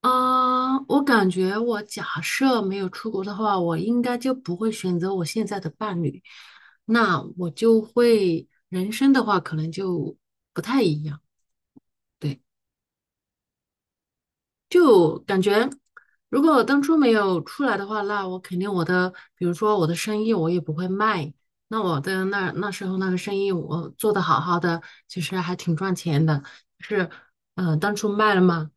啊，我感觉我假设没有出国的话，我应该就不会选择我现在的伴侣，那我就会人生的话可能就不太一样。对。就感觉，如果我当初没有出来的话，那我肯定我的，比如说我的生意我也不会卖。那我的那时候那个生意我做的好好的，其实还挺赚钱的。就是，当初卖了嘛，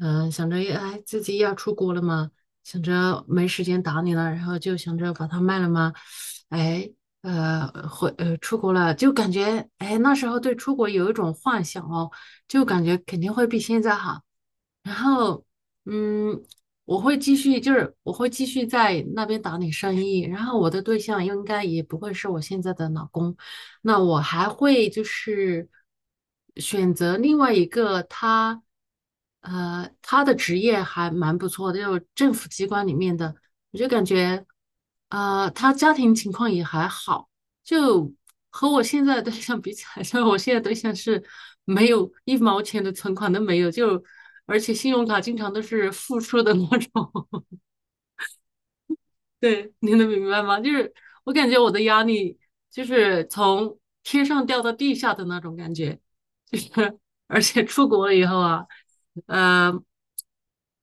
想着哎自己要出国了嘛，想着没时间打理了，然后就想着把它卖了嘛，哎，出国了，就感觉哎那时候对出国有一种幻想哦，就感觉肯定会比现在好。然后，嗯，我会继续，就是我会继续在那边打理生意。然后我的对象应该也不会是我现在的老公，那我还会就是选择另外一个他，他的职业还蛮不错的，就是政府机关里面的，我就感觉，他家庭情况也还好。就和我现在的对象比起来，就我现在对象是没有一毛钱的存款都没有，就而且信用卡经常都是负数的那种。对，你能明白吗？就是我感觉我的压力就是从天上掉到地下的那种感觉，就是而且出国了以后啊，嗯。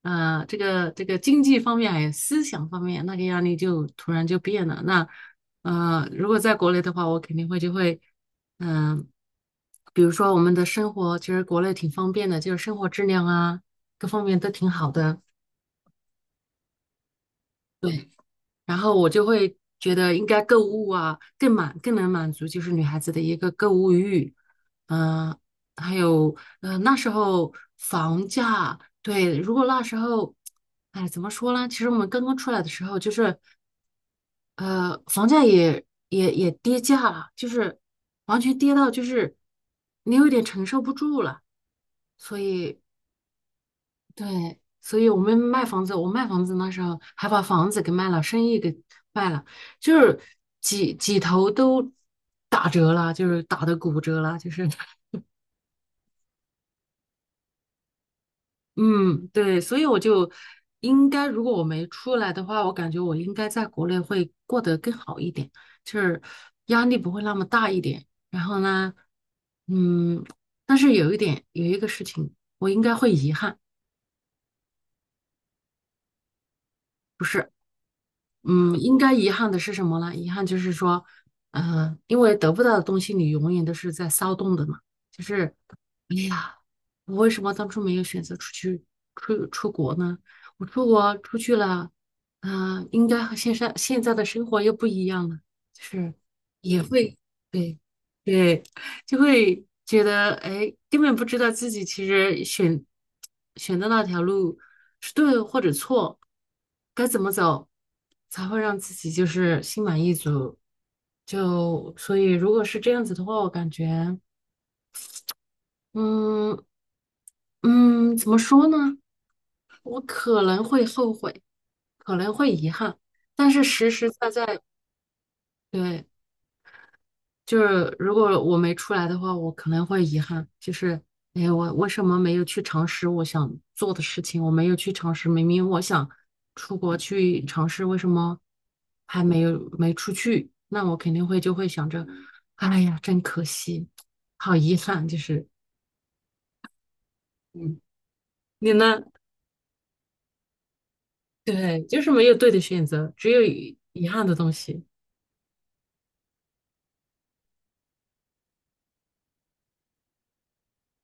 这个经济方面还有思想方面，那个压力就突然就变了。那如果在国内的话，我肯定会就会，嗯、比如说我们的生活，其实国内挺方便的，就是生活质量啊，各方面都挺好的。对，然后我就会觉得应该购物啊，更能满足就是女孩子的一个购物欲，嗯、还有那时候房价，对，如果那时候，哎，怎么说呢？其实我们刚刚出来的时候，就是房价也跌价了，就是完全跌到就是你有点承受不住了，所以对，所以我们卖房子，我卖房子那时候还把房子给卖了，生意给卖了，就是几头都打折了，就是打的骨折了，就是 嗯，对，所以我就应该，如果我没出来的话，我感觉我应该在国内会过得更好一点，就是压力不会那么大一点。然后呢，嗯，但是有一点，有一个事情，我应该会遗憾。不是。嗯，应该遗憾的是什么呢？遗憾就是说，因为得不到的东西，你永远都是在骚动的嘛。就是，哎呀，我为什么当初没有选择出国呢？我出国出去了，应该和现在的生活又不一样了。就是也会，对对，就会觉得，哎，根本不知道自己其实选的那条路是对或者错，该怎么走才会让自己就是心满意足。就所以，如果是这样子的话，我感觉，嗯怎么说呢？我可能会后悔，可能会遗憾，但是实实在在，对。就是如果我没出来的话，我可能会遗憾，就是哎，我为什么没有去尝试我想做的事情？我没有去尝试，明明我想出国去尝试，为什么还没出去？那我肯定会就会想着，哎呀，真可惜，好遗憾，就是嗯，你呢？对，就是没有对的选择，只有遗憾的东西。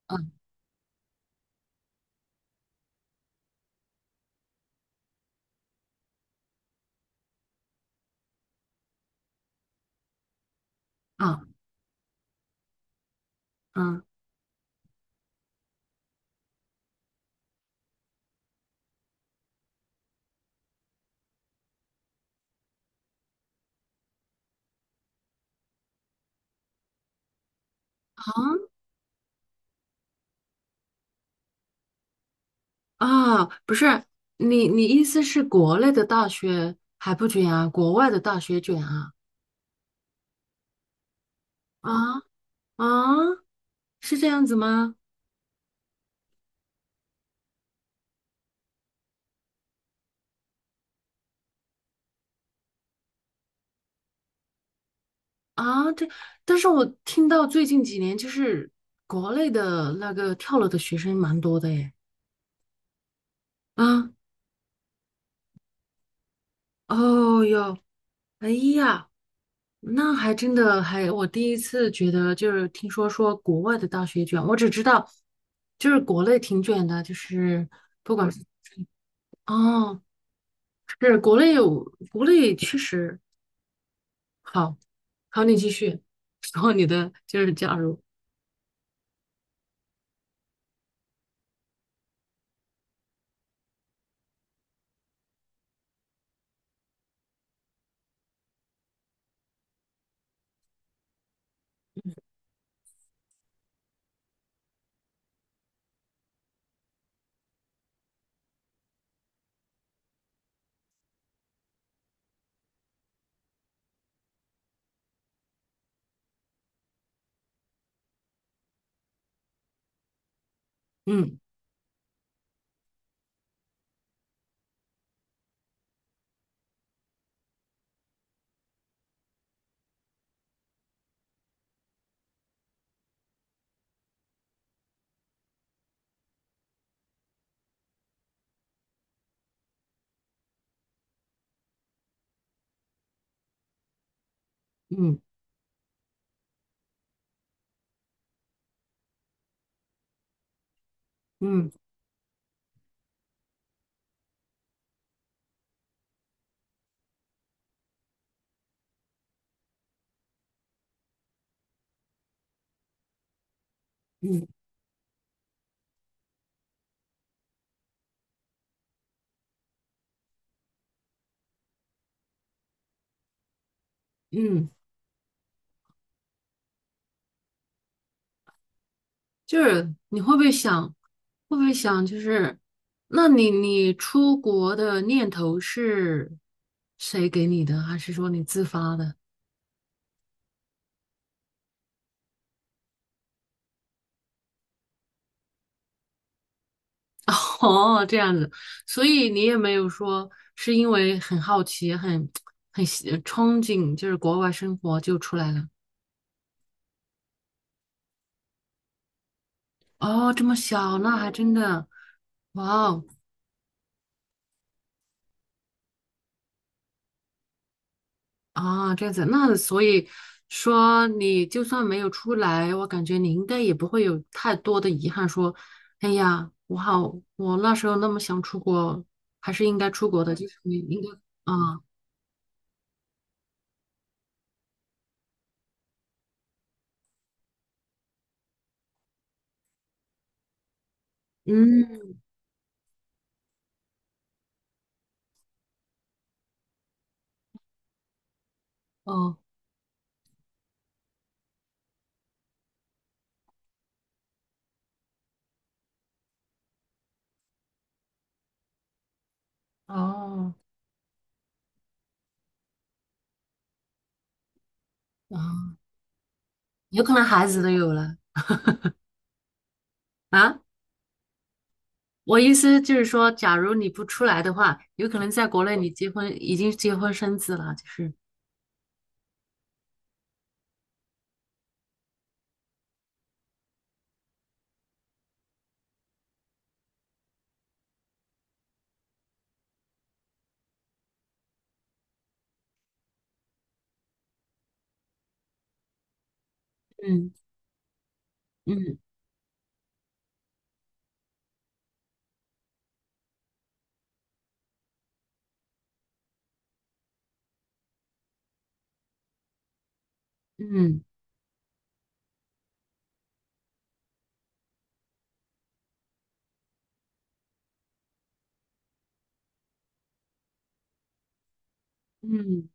嗯，啊，嗯，好，啊，不是，你意思是国内的大学还不卷啊，国外的大学卷啊？啊啊，是这样子吗？啊，但是我听到最近几年就是国内的那个跳楼的学生蛮多的耶。啊，哦哟，哎呀，那还真的还，我第一次觉得就是听说国外的大学卷，我只知道就是国内挺卷的，就是不管是。哦，是国内确实好，好，你继续。然后你的就是假如，嗯嗯嗯嗯嗯，就是你会不会想，会不会想就是，那你出国的念头是谁给你的，还是说你自发的？哦，这样子，所以你也没有说是因为很好奇、很憧憬，就是国外生活就出来了。哦，这么小，那还真的，哇哦，啊，这样子，那所以说你就算没有出来，我感觉你应该也不会有太多的遗憾，说，哎呀，我那时候那么想出国，还是应该出国的，就是你应该，啊，嗯，哦，哦，啊，有可能孩子都有了啊。我意思就是说，假如你不出来的话，有可能在国内你已经结婚生子了，就是，嗯嗯嗯。嗯，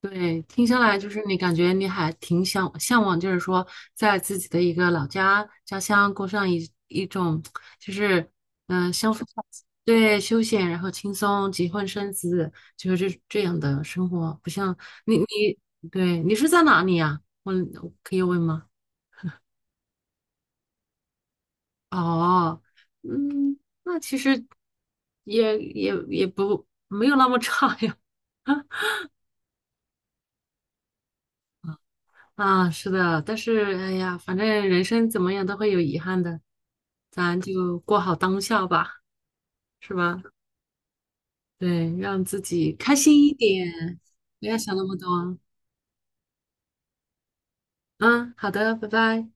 对，听下来就是你感觉你还挺想向往，就是说在自己的一个老家家乡过上一种就是相夫教子，对，休闲，然后轻松，结婚生子，就是这样的生活，不像你对是在哪里呀、我可以问吗？哦，嗯，那其实也不没有那么差呀。啊，是的，但是哎呀，反正人生怎么样都会有遗憾的，咱就过好当下吧，是吧？对，让自己开心一点，不要想那么多。嗯，好的，拜拜。